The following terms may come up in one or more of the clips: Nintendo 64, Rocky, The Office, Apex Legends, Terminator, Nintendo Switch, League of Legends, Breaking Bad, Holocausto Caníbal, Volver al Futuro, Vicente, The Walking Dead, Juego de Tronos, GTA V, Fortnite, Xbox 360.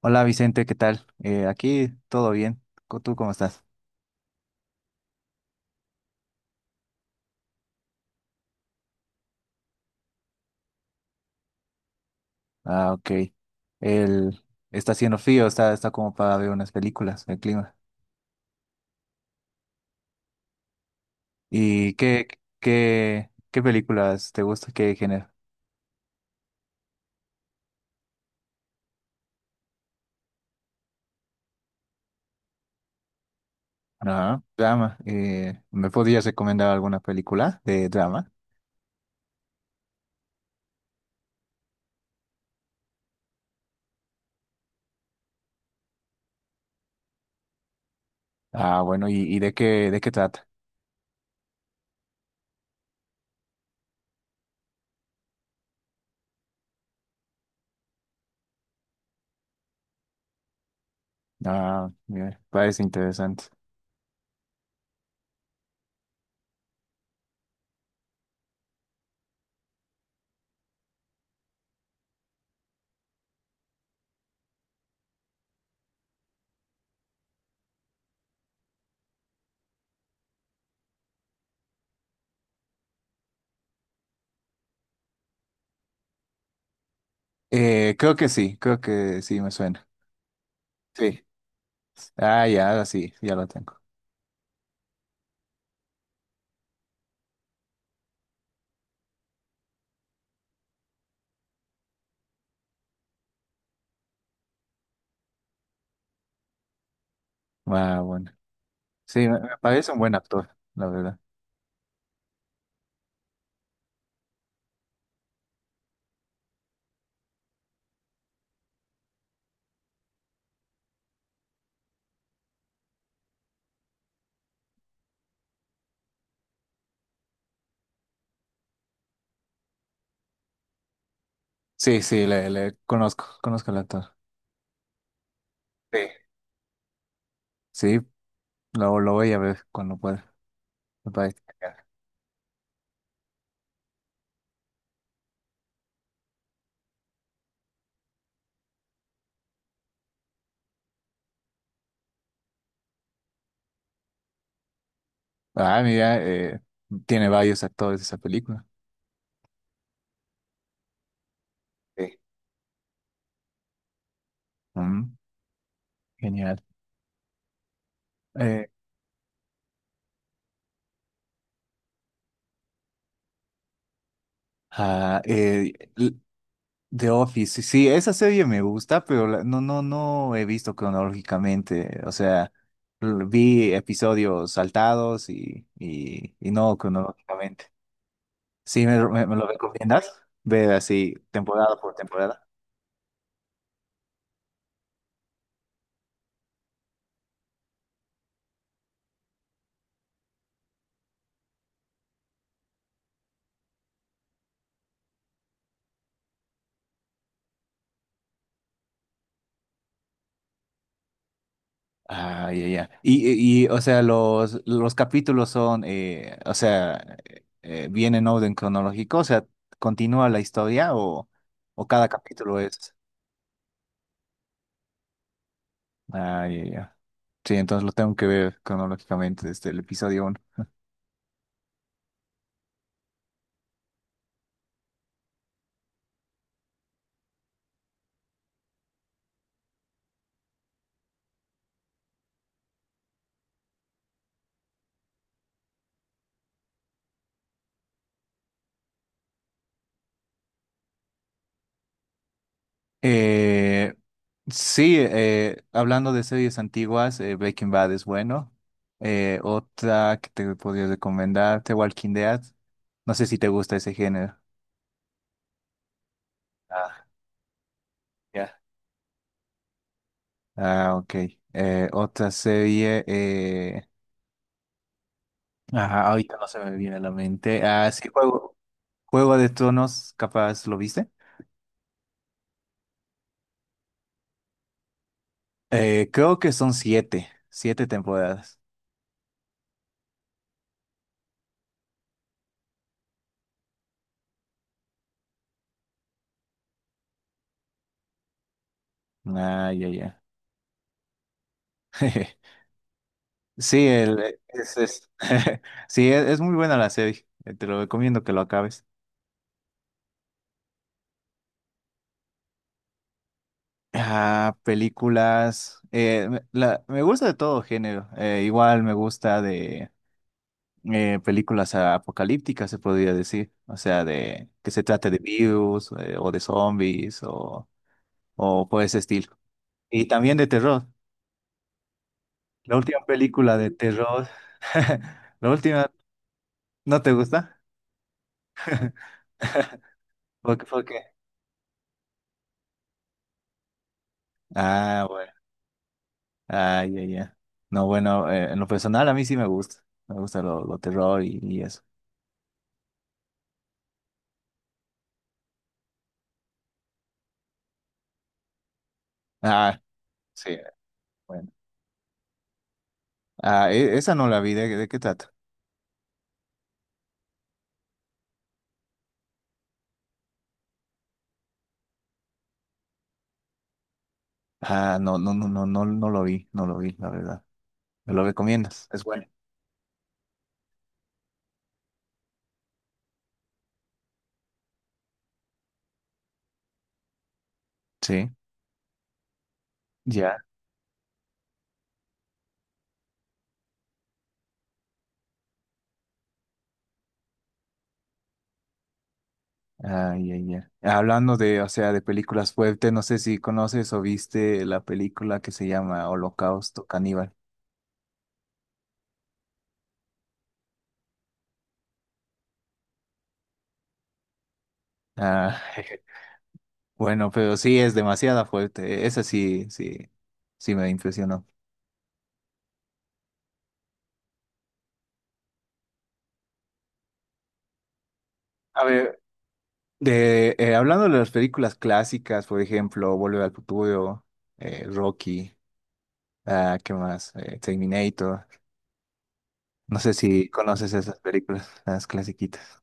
Hola Vicente, ¿qué tal? Aquí todo bien. ¿Tú cómo estás? Ah, ok. El, Está haciendo frío, está como para ver unas películas, el clima. ¿Y qué, ¿Qué películas te gusta? ¿Qué género? Ajá, drama. ¿Me podrías recomendar alguna película de drama? Ah, bueno, ¿y de de qué trata? Ah, mira, parece interesante. Creo que sí, creo que sí me suena. Sí. Ah, ya, ahora sí, ya lo tengo. Ah, bueno. Sí, me parece un buen actor, la verdad. Sí, sí, le conozco, conozco al actor. Sí. Sí, lo voy a ver cuando pueda. Me parece genial. Ah, mira, tiene varios actores de esa película. Sí. Mm, genial. Eh, ah, eh, l- The Office, sí, esa serie me gusta, no, no, no he visto cronológicamente. O sea, vi episodios saltados y no cronológicamente. Sí, me lo recomiendas ver así temporada por temporada. Ah, ya, ya. O sea, los capítulos son, o sea, ¿viene en orden cronológico? O sea, ¿continúa la historia o cada capítulo es? Ah, ya, ya. Sí, entonces lo tengo que ver cronológicamente desde el episodio uno. Eh, sí, hablando de series antiguas, Breaking Bad es bueno. Otra que te podría recomendar, The Walking Dead. No sé si te gusta ese género. Ah, ya. Ah, ok. Otra serie. Ajá, ahorita no se me viene a la mente. Ah, sí, Juego de Tronos, capaz, ¿lo viste? Creo que son siete, siete temporadas. Ah, ya, ya. Sí, el, e, es- sí, es muy buena la serie. Te lo recomiendo que lo acabes. Ah, películas. Me gusta de todo género. Igual me gusta de películas apocalípticas, se podría decir. O sea, de que se trate de virus o de zombies o por ese estilo. Y también de terror. La última película de terror. La última, ¿no te gusta? ¿Por qué? ¿Por qué? Ah, bueno. Ah, ya, ya. No, bueno, en lo personal a mí sí me gusta. Me gusta lo terror y eso. Ah, sí, bueno. Ah, esa no la vi, ¿de qué trata? Ah, no, no, no, no, no, no lo vi, no lo vi, la verdad. ¿Me lo recomiendas? Es bueno. Sí, ya. Ah, ya, ya. Hablando de, o sea, de películas fuertes, no sé si conoces o viste la película que se llama Holocausto Caníbal. Ah, bueno, pero sí es demasiada fuerte. Esa sí, sí, sí me impresionó. A ver, de, hablando de las películas clásicas, por ejemplo, Volver al Futuro, Rocky, ah, ¿qué más? Terminator. No sé si conoces esas películas, las clasiquitas.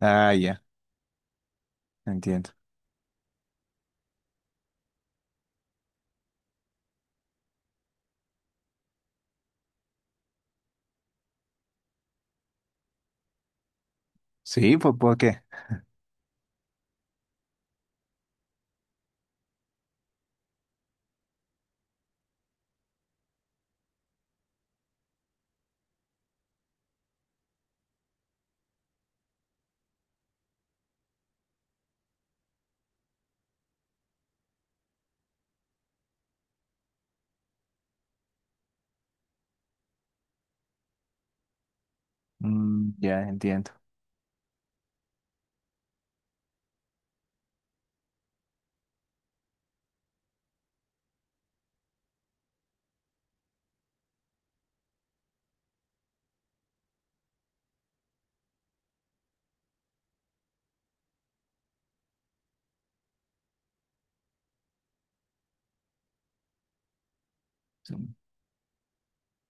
Ah, ya, entiendo. Sí, ¿por qué? Mm, ya, entiendo.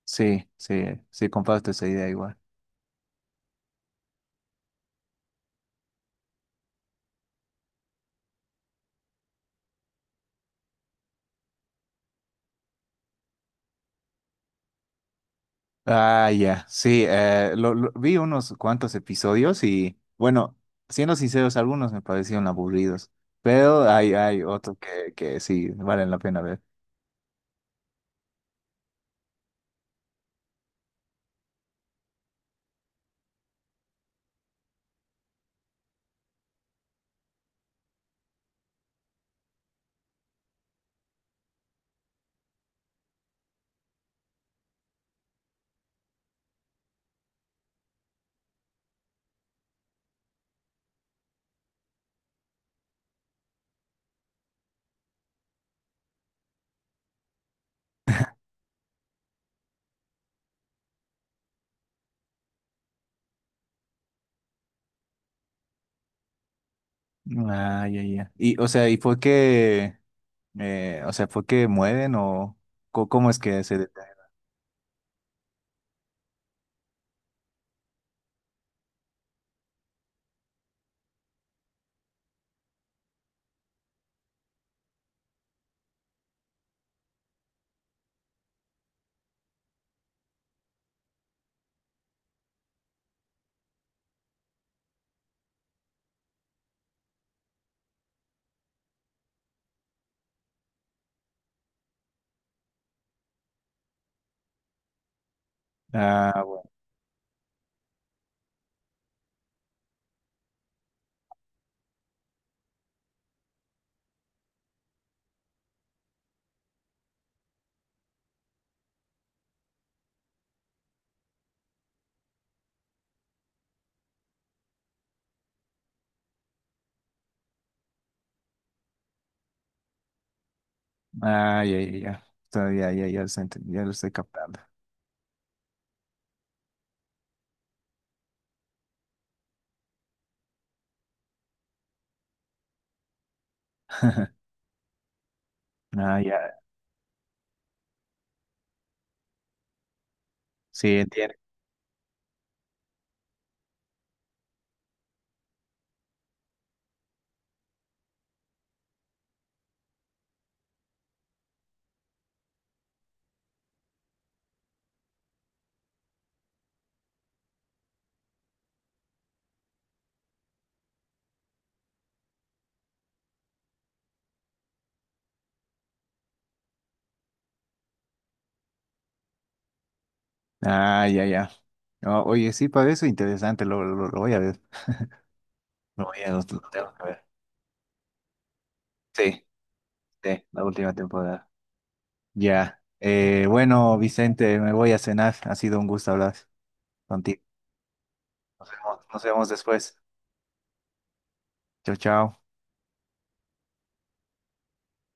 Sí, sí, sí, comparto esa idea igual. Ah, ya, sí, vi unos cuantos episodios y, bueno, siendo sinceros, algunos me parecieron aburridos, pero hay otros que sí valen la pena ver. Ah, ya, ya. Y, o sea, o sea, ¿fue que mueren o cómo es que se detienen? Ah, bueno. Ah, ya, ya, ya. Ya, ya, ya, ya lo estoy captando. Ah, ya. Sí, entiendo. Ah, ya, ya. Oye, sí, parece interesante, lo voy a ver. Lo voy a, lo tengo que ver. Sí, sí, la última temporada. Ya. Bueno, Vicente, me voy a cenar. Ha sido un gusto hablar contigo. Nos vemos, nos vemos después. Chao, chao.